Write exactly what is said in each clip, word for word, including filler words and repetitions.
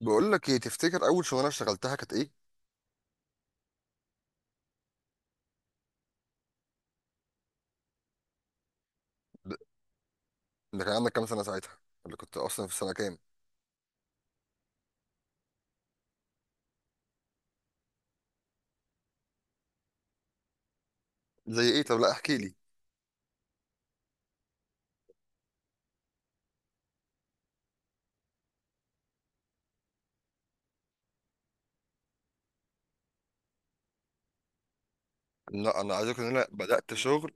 بقول لك ايه؟ تفتكر اول شغلانه اشتغلتها كانت ايه؟ ده ده كان عندك كام سنه ساعتها؟ اللي كنت اصلا في سنه كام؟ زي ايه؟ طب لا احكي لي. لا انا عايزك ان انا بدات شغل.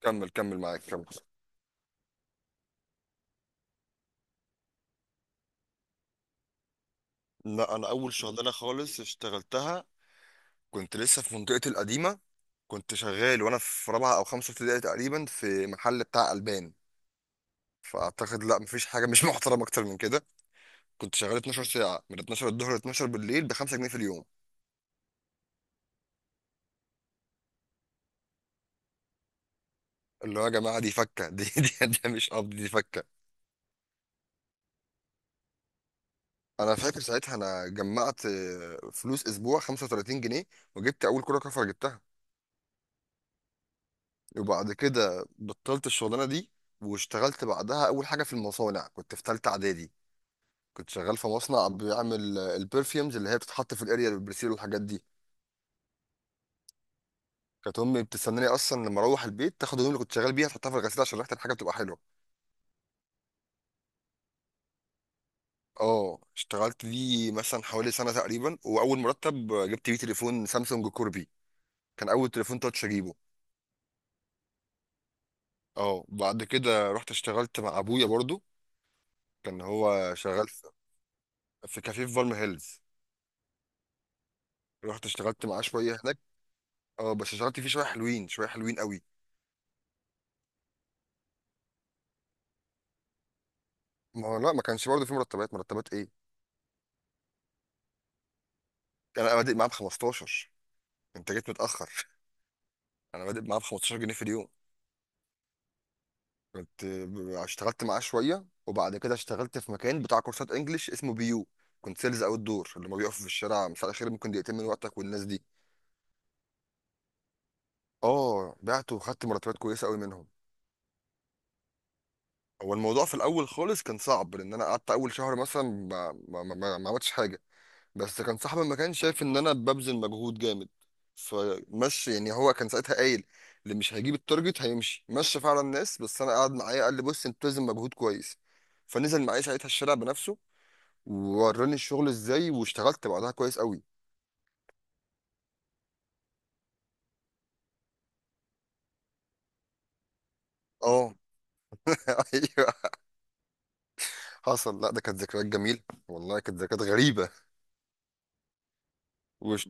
كمل كمل معاك كمل. لا انا اول شغلانه خالص اشتغلتها كنت لسه في منطقتي القديمه. كنت شغال وانا في رابعه او خمسه ابتدائي تقريبا في محل بتاع البان. فاعتقد لا مفيش حاجه مش محترمه اكتر من كده. كنت شغال اتناشر ساعه من اتناشر الظهر ل اتناشر بالليل ب خمسة جنيه في اليوم. اللي هو يا جماعه دي فكه. دي دي, دي مش قبض، دي فكه. انا فاكر ساعتها انا جمعت آه، فلوس اسبوع خمسة وثلاثين جنيه، وجبت اول كرة كفر جبتها. وبعد كده بطلت الشغلانة دي، واشتغلت بعدها اول حاجة في المصانع. كنت في ثالثة اعدادي. كنت شغال في مصنع بيعمل آه، البرفيومز اللي هي بتتحط في الاريا البرسيل والحاجات دي. كانت امي بتستناني اصلا لما اروح البيت تاخد الهدوم اللي كنت شغال بيها تحطها في الغسيل عشان ريحه الحاجه بتبقى حلوه. اه، اشتغلت لي مثلا حوالي سنه تقريبا، واول مرتب آه، جبت بيه تليفون سامسونج كوربي. كان اول تليفون تاتش اجيبه. اه، بعد كده رحت اشتغلت مع ابويا برضو. كان هو شغال في في كافيه في فالم هيلز. رحت اشتغلت معاه شويه هناك. اه، بس اشتغلت فيه شويه حلوين، شويه حلوين قوي. ما هو لا، ما كانش برضو في مرتبات، مرتبات ايه. كان انا بادئ معاه ب خمستاشر. انت جيت متاخر. انا بادئ معاه ب خمستاشر جنيه في اليوم. كنت ب- اشتغلت معاه شويه، وبعد كده اشتغلت في مكان بتاع كورسات انجليش اسمه بي يو. كنت سيلز اوت دور اللي ما بيقفوا في الشارع: مساء الخير، ممكن دقيقتين من وقتك؟ والناس دي. اه، بعت وخدت مرتبات كويسه قوي منهم. هو الموضوع في الاول خالص كان صعب، لان انا قعدت اول شهر مثلا ما ما ما, ما ما عملتش حاجه. بس كان صاحبي ما كان شايف ان انا ببذل مجهود جامد فمشي، يعني هو كان ساعتها قايل اللي مش هيجيب التارجت هيمشي. مشى فعلا الناس، بس انا قعد معايا قال لي: بص، انت بتبذل مجهود كويس. فنزل معايا ساعتها الشارع بنفسه ووراني الشغل ازاي، واشتغلت بعدها كويس قوي. اه. ايوه، حصل. لا ده كانت ذكريات جميله، والله كانت ذكريات غريبه. وش.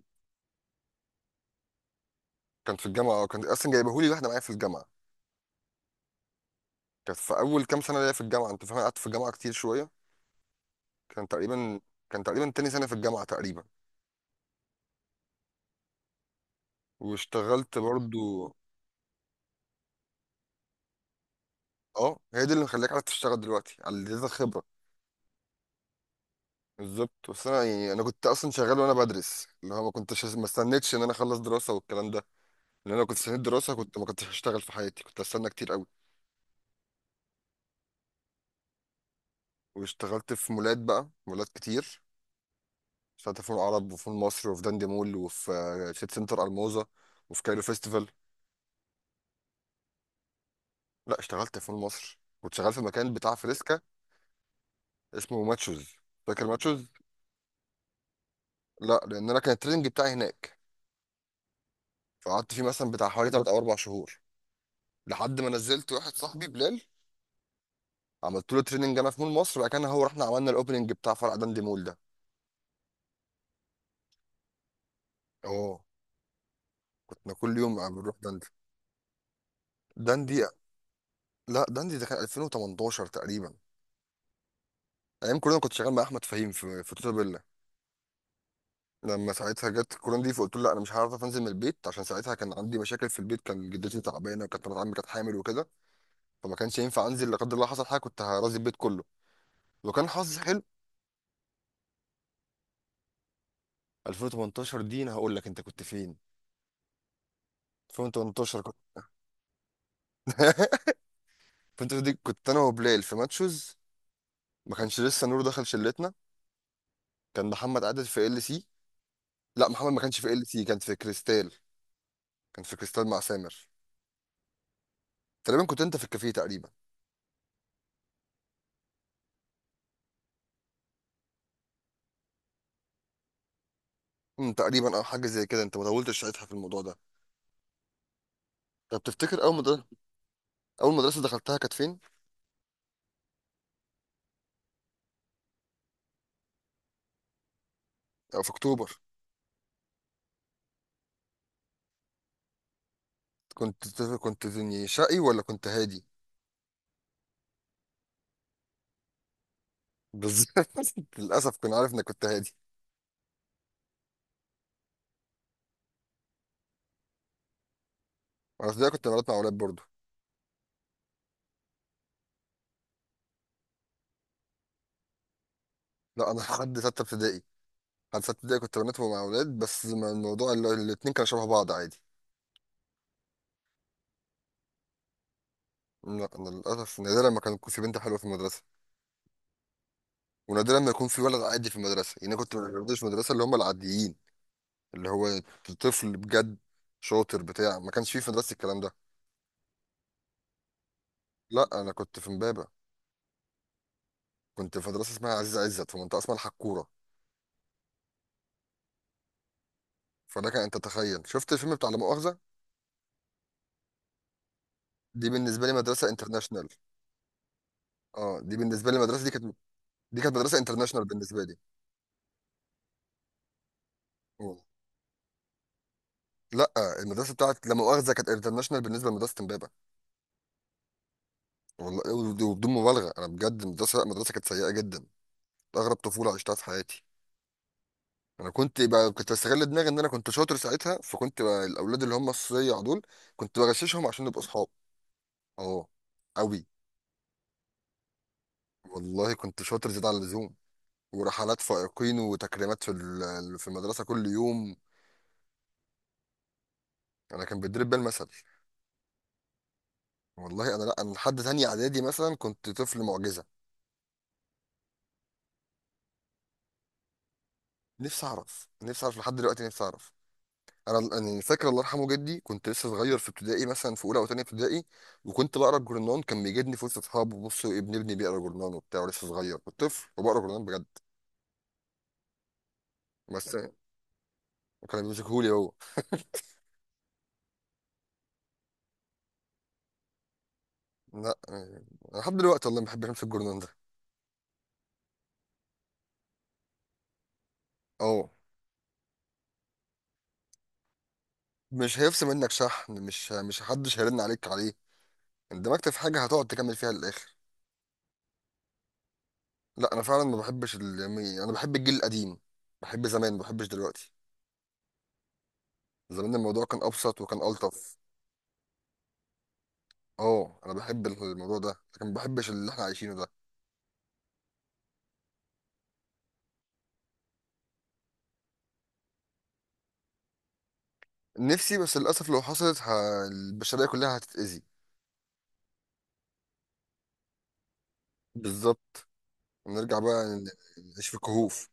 كان في الجامعه، كان اصلا جايبهولي واحده معايا في الجامعه. كانت في اول كام سنه ليا في الجامعه، انت فاهم، أنا قعدت في الجامعه كتير شويه. كان تقريبا كان تقريبا تاني سنه في الجامعه تقريبا، واشتغلت برضو. اه، هي دي اللي مخليك عارف تشتغل دلوقتي، على اديتك خبره. بالظبط. بس انا يعني انا كنت اصلا شغال وانا بدرس، اللي هو ما كنتش ما استنيتش ان انا اخلص دراسه والكلام ده. لان انا كنت استنيت دراسه، كنت ما كنتش هشتغل في حياتي، كنت استنى كتير قوي. واشتغلت في مولات بقى، مولات كتير. اشتغلت في مول العرب، وفي مول مصر، وفي داندي مول، وفي آه، سيتي سنتر الموزه، وفي كايرو فيستيفال. لا اشتغلت في مول مصر، كنت شغال في مكان بتاع فريسكا اسمه ماتشوز. فاكر ماتشوز. لا، لان انا كان التريننج بتاعي هناك. فقعدت فيه مثلا بتاع حوالي ثلاثة او أربعة شهور لحد ما نزلت واحد صاحبي بلال. عملت له تريننج انا في مول مصر بقى، كان هو رحنا عملنا الاوبننج بتاع فرع داندي مول ده. اه، كنا كل يوم بنروح داندي. داندي، لا داندي ده كان الفين وتمنتاشر تقريبا. ايام كورونا كنت شغال مع احمد فهيم في في توتا بيلا. لما ساعتها جت كورونا دي فقلت له لا انا مش هعرف انزل من البيت، عشان ساعتها كان عندي مشاكل في البيت، كان جدتي تعبانه، وكانت مرات عمي كانت حامل وكده. فما كانش ينفع انزل، لا قدر الله حصل حاجه كنت هرازي البيت كله، لو كان حظي حلو. الفين وتمنتاشر دي انا هقول لك انت كنت فين. الفين وتمنتاشر كنت. الفين وتمنتاشر دي كنت انا وبلال في ماتشوز، ما كانش لسه نور دخل شلتنا. كان محمد قاعد في ال سي. لا محمد ما كانش في ال سي، كان في كريستال. كان في كريستال مع سامر. تقريبا كنت انت في الكافيه تقريبا. امم، تقريبا او حاجه زي كده. انت ما طولتش ساعتها في الموضوع ده. طب تفتكر اول مدرسه؟ اول مدرسه دخلتها كانت فين؟ او في اكتوبر؟ كنت كنت شقي ولا كنت هادي؟ بالظبط. للاسف كنت عارف انك كنت هادي. انا في البدايه كنت بنات مع اولاد برضو. لا انا لحد سته ابتدائي. لحد سته ابتدائي كنت بنات مع اولاد، بس ما الموضوع ال- الاتنين كانوا شبه بعض عادي. لا انا للاسف نادرا ما كان يكون في بنت حلوه في المدرسه، ونادرا ما يكون في ولد عادي في المدرسه. يعني أنا كنت ما بقابلش في المدرسه اللي هم العاديين، اللي هو طفل بجد، شاطر بتاع. ما كانش فيه في مدرستي الكلام ده. لا انا كنت في امبابه. كنت في مدرسه اسمها عزيز عزت في منطقه اسمها الحكوره. فده كان، انت تخيل شفت الفيلم بتاع لا مؤاخذه؟ دي بالنسبه لي مدرسه انترناشونال. اه دي بالنسبه لي المدرسه دي كانت، دي كانت مدرسه انترناشونال بالنسبه لي. والله لا، المدرسه بتاعت لا مؤاخذه كانت انترناشونال بالنسبه لمدرسه امبابه. والله ود- وبدون مبالغه انا بجد المدرسه، لا مدرسه، كانت سيئه جدا. اغرب طفوله عشتها في حياتي. انا كنت بقى كنت بستغل دماغي ان انا كنت شاطر ساعتها. فكنت بقى الاولاد اللي هم الصيع دول كنت بغششهم عشان نبقى اصحاب. اه، قوي. والله كنت شاطر زياده عن اللزوم. ورحلات فائقين وتكريمات في ال- في المدرسه كل يوم. انا كان بيدرب بيا المثل. والله انا، لا انا لحد تانية اعدادي مثلا كنت طفل معجزه. نفسي اعرف، نفسي اعرف لحد دلوقتي، نفسي اعرف. انا يعني فاكر الله يرحمه جدي، كنت لسه صغير في ابتدائي مثلا في اولى او تانية ابتدائي، وكنت بقرا الجورنان. كان بيجدني في وسط اصحابه: بص ابن ابني بيقرا جورنان وبتاع، ولسه صغير. كنت طفل وبقرا جورنان بجد. بس. وكان بيمسكهولي هو. لا يعني أنا لحد دلوقتي والله ما بحبش امسك الجورنان ده. اه. مش هيفصل منك شحن مش مش حدش هيرن عليك عليه. اندمجت في حاجه هتقعد تكمل فيها للاخر. لا انا فعلا ما بحبش ال... يعني انا بحب الجيل القديم. بحب زمان، ما بحبش دلوقتي. زمان الموضوع كان ابسط وكان الطف. اه، انا بحب الموضوع ده، لكن ما بحبش اللي احنا عايشينه ده. نفسي، بس للاسف لو حصلت ه... البشريه كلها هتتاذي. بالظبط. نرجع بقى ن- نعيش في كهوف.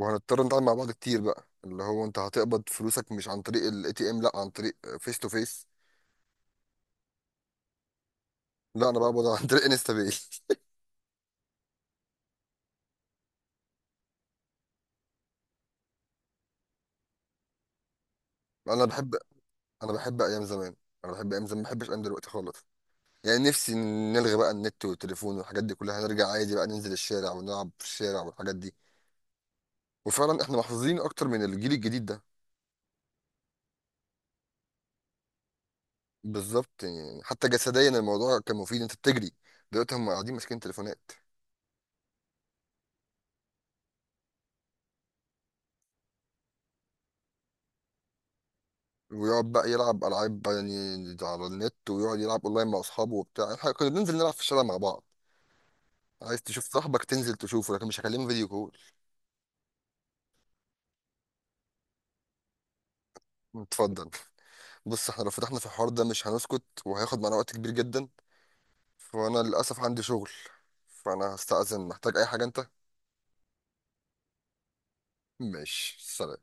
وهنضطر نتعامل مع بعض كتير بقى، اللي هو انت هتقبض فلوسك مش عن طريق الاي تي ام، لا عن طريق فيس تو فيس. لا انا بقبض عن طريق انستا باي. انا بحب، انا بحب ايام زمان. انا بحب ايام زمان، ما بحبش ايام دلوقتي خالص. يعني نفسي نلغي بقى النت والتليفون والحاجات دي كلها، هنرجع عادي بقى ننزل الشارع ونلعب في الشارع والحاجات دي. وفعلا احنا محظوظين اكتر من الجيل الجديد ده. بالظبط، يعني حتى جسديا الموضوع كان مفيد، انت بتجري. دلوقتي هم قاعدين ماسكين تليفونات. ويقعد بقى يلعب العاب بقى يعني على النت، ويقعد يلعب اونلاين مع اصحابه وبتاع. احنا كنا بننزل نلعب في الشارع مع بعض. عايز تشوف صاحبك تنزل تشوفه، لكن مش هكلمه فيديو كول. اتفضل. بص احنا لو فتحنا في الحوار ده مش هنسكت، وهياخد معانا وقت كبير جدا. فانا للاسف عندي شغل، فانا هستأذن. محتاج اي حاجة انت؟ ماشي، سلام.